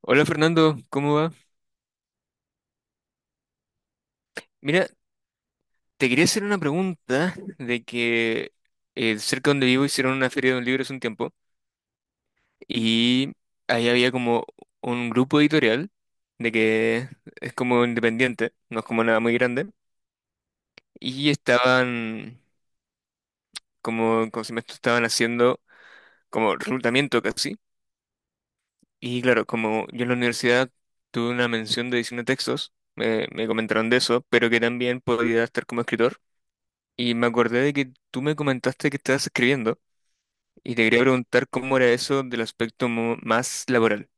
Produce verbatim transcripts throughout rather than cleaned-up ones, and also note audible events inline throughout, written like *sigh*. Hola Fernando, ¿cómo va? Mira, te quería hacer una pregunta de que eh, cerca donde vivo hicieron una feria de un libro hace un tiempo y ahí había como un grupo editorial de que es como independiente, no es como nada muy grande, y estaban como, como si me estaban haciendo como reclutamiento casi. Y claro, como yo en la universidad tuve una mención de edición de textos, me me comentaron de eso, pero que también podía estar como escritor. Y me acordé de que tú me comentaste que estabas escribiendo y te quería preguntar cómo era eso del aspecto mo- más laboral.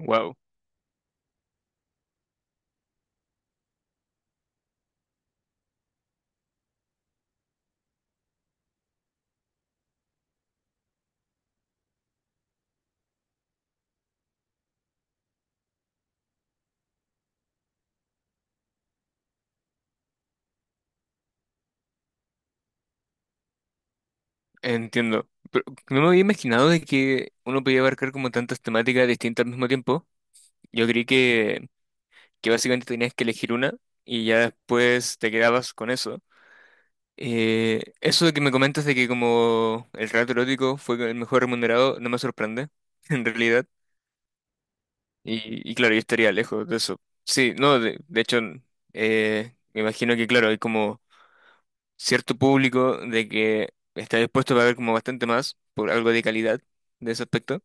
Wow, entiendo. Pero no me había imaginado de que uno podía abarcar como tantas temáticas distintas al mismo tiempo. Yo creí que, que básicamente tenías que elegir una y ya después te quedabas con eso. Eh, eso de que me comentas de que como el relato erótico fue el mejor remunerado no me sorprende, *laughs* en realidad. Y, y claro, yo estaría lejos de eso. Sí, no, de, de hecho, eh, me imagino que, claro, hay como cierto público de que está dispuesto a pagar como bastante más por algo de calidad de ese aspecto.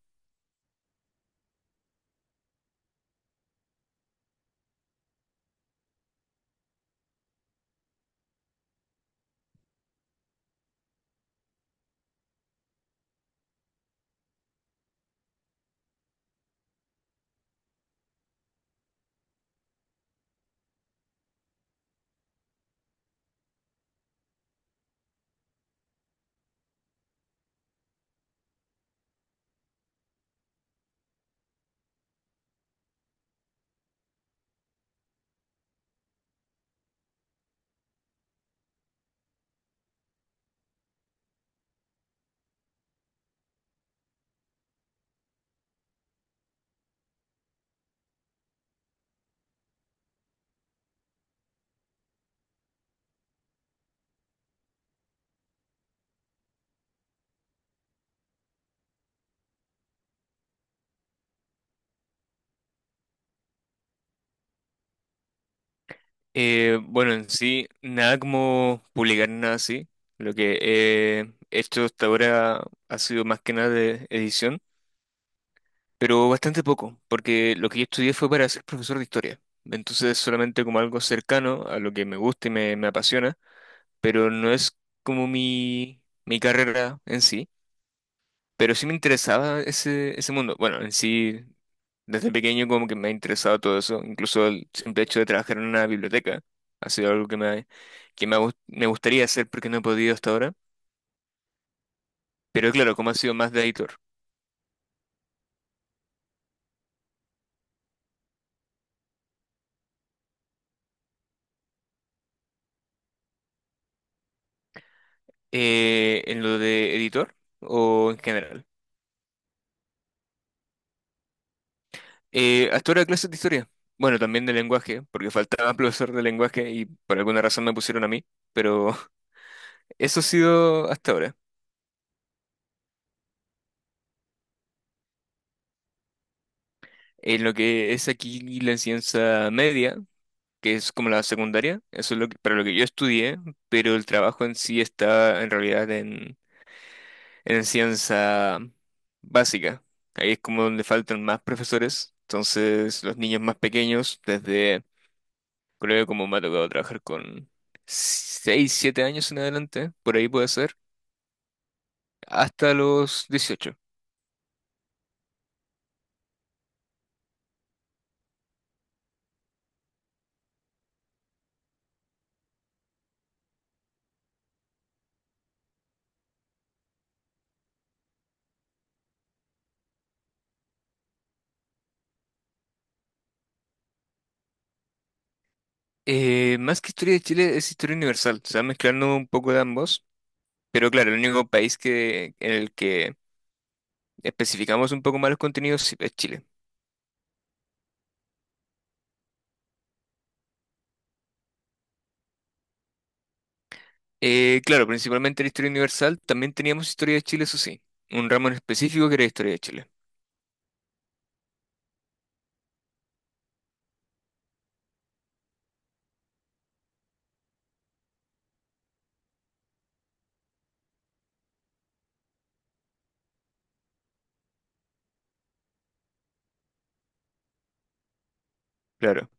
Eh, bueno, en sí, nada como publicar nada así. Lo que he hecho hasta ahora ha sido más que nada de edición, pero bastante poco, porque lo que yo estudié fue para ser profesor de historia. Entonces, solamente como algo cercano a lo que me gusta y me me apasiona. Pero no es como mi, mi carrera en sí, pero sí me interesaba ese, ese mundo. Bueno, en sí, desde pequeño como que me ha interesado todo eso, incluso el simple hecho de trabajar en una biblioteca ha sido algo que me, que me, ha gust- me gustaría hacer porque no he podido hasta ahora, pero claro, como ha sido más de editor. Eh, en lo de editor o en general. Eh, hasta ahora clases de historia. Bueno, también de lenguaje, porque faltaba *laughs* profesor de lenguaje y por alguna razón me pusieron a mí, pero *laughs* eso ha sido hasta ahora. En lo que es aquí la ciencia media, que es como la secundaria, eso es lo que- para lo que yo estudié, pero el trabajo en sí está en realidad en, en ciencia básica. Ahí es como donde faltan más profesores, entonces los niños más pequeños, desde creo que como me ha tocado trabajar con seis siete años en adelante, por ahí puede ser, hasta los dieciocho. Eh, más que historia de Chile es historia universal, se va mezclando un poco de ambos. Pero claro, el único país que, en el que especificamos un poco más los contenidos sí, es Chile. Eh, claro, principalmente la historia universal, también teníamos historia de Chile, eso sí. Un ramo en específico que era historia de Chile. Claro.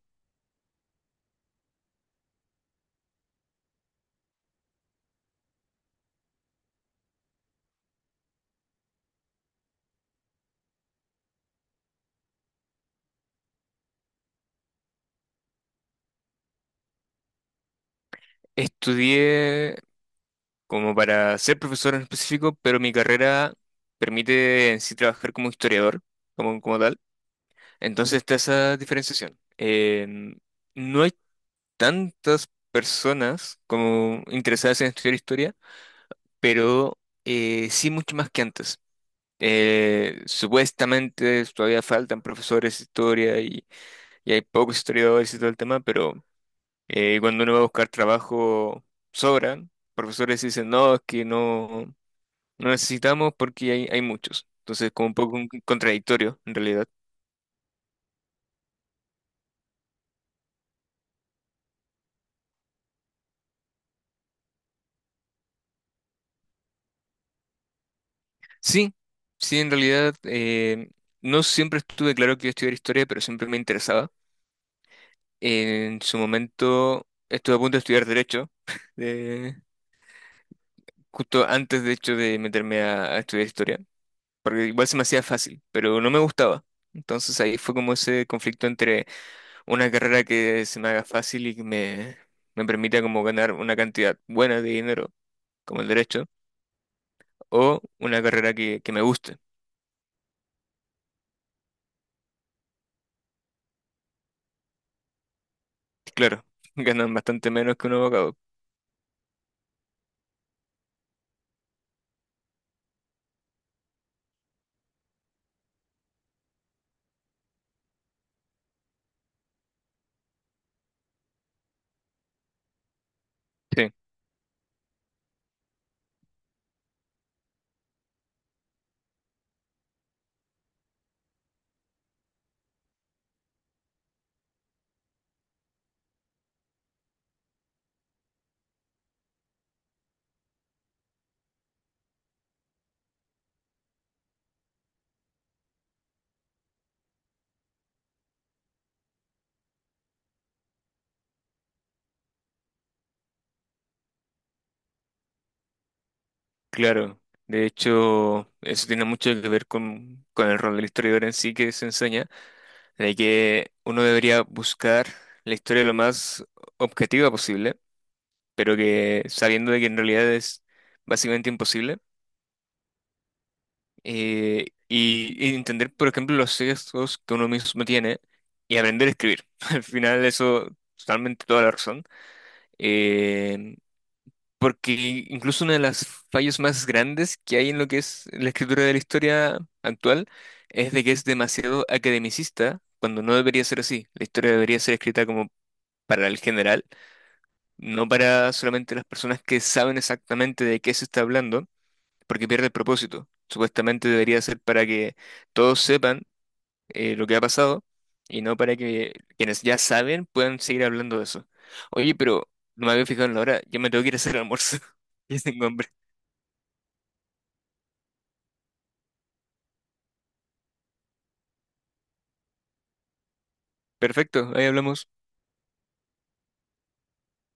Estudié como para ser profesor en específico, pero mi carrera permite en sí trabajar como historiador, como, como tal. Entonces está esa diferenciación. Eh, no hay tantas personas como interesadas en estudiar historia, pero eh, sí mucho más que antes. Eh, supuestamente todavía faltan profesores de historia y, y hay pocos historiadores y todo el tema, pero eh, cuando uno va a buscar trabajo, sobran. Profesores dicen, no, es que no, no necesitamos porque hay, hay muchos. Entonces, como un poco un contradictorio, en realidad. Sí, sí, en realidad, eh, no siempre estuve claro que iba a estudiar historia, pero siempre me interesaba. En su momento estuve a punto de estudiar derecho, *laughs* eh, justo antes, de hecho, de meterme a a estudiar historia. Porque igual se me hacía fácil, pero no me gustaba. Entonces ahí fue como ese conflicto entre una carrera que se me haga fácil y que me, me permita como ganar una cantidad buena de dinero, como el derecho, o una carrera que, que me guste. Claro, *laughs* ganan bastante menos que un abogado. Sí, claro. De hecho, eso tiene mucho que ver con, con el rol del historiador en sí que se enseña, de que uno debería buscar la historia lo más objetiva posible, pero que sabiendo de que en realidad es básicamente imposible, eh, y, y entender, por ejemplo, los sesgos que uno mismo tiene y aprender a escribir. *laughs* Al final eso, totalmente toda la razón. Eh, porque incluso una de las fallos más grandes que hay en lo que es la escritura de la historia actual es de que es demasiado academicista cuando no debería ser así. La historia debería ser escrita como para el general, no para solamente las personas que saben exactamente de qué se está hablando porque pierde el propósito. Supuestamente debería ser para que todos sepan eh, lo que ha pasado y no para que quienes ya saben puedan seguir hablando de eso. Oye, pero no me había fijado en la hora, yo me tengo que ir a hacer el almuerzo. *laughs* Y tengo hambre. Perfecto, ahí hablamos.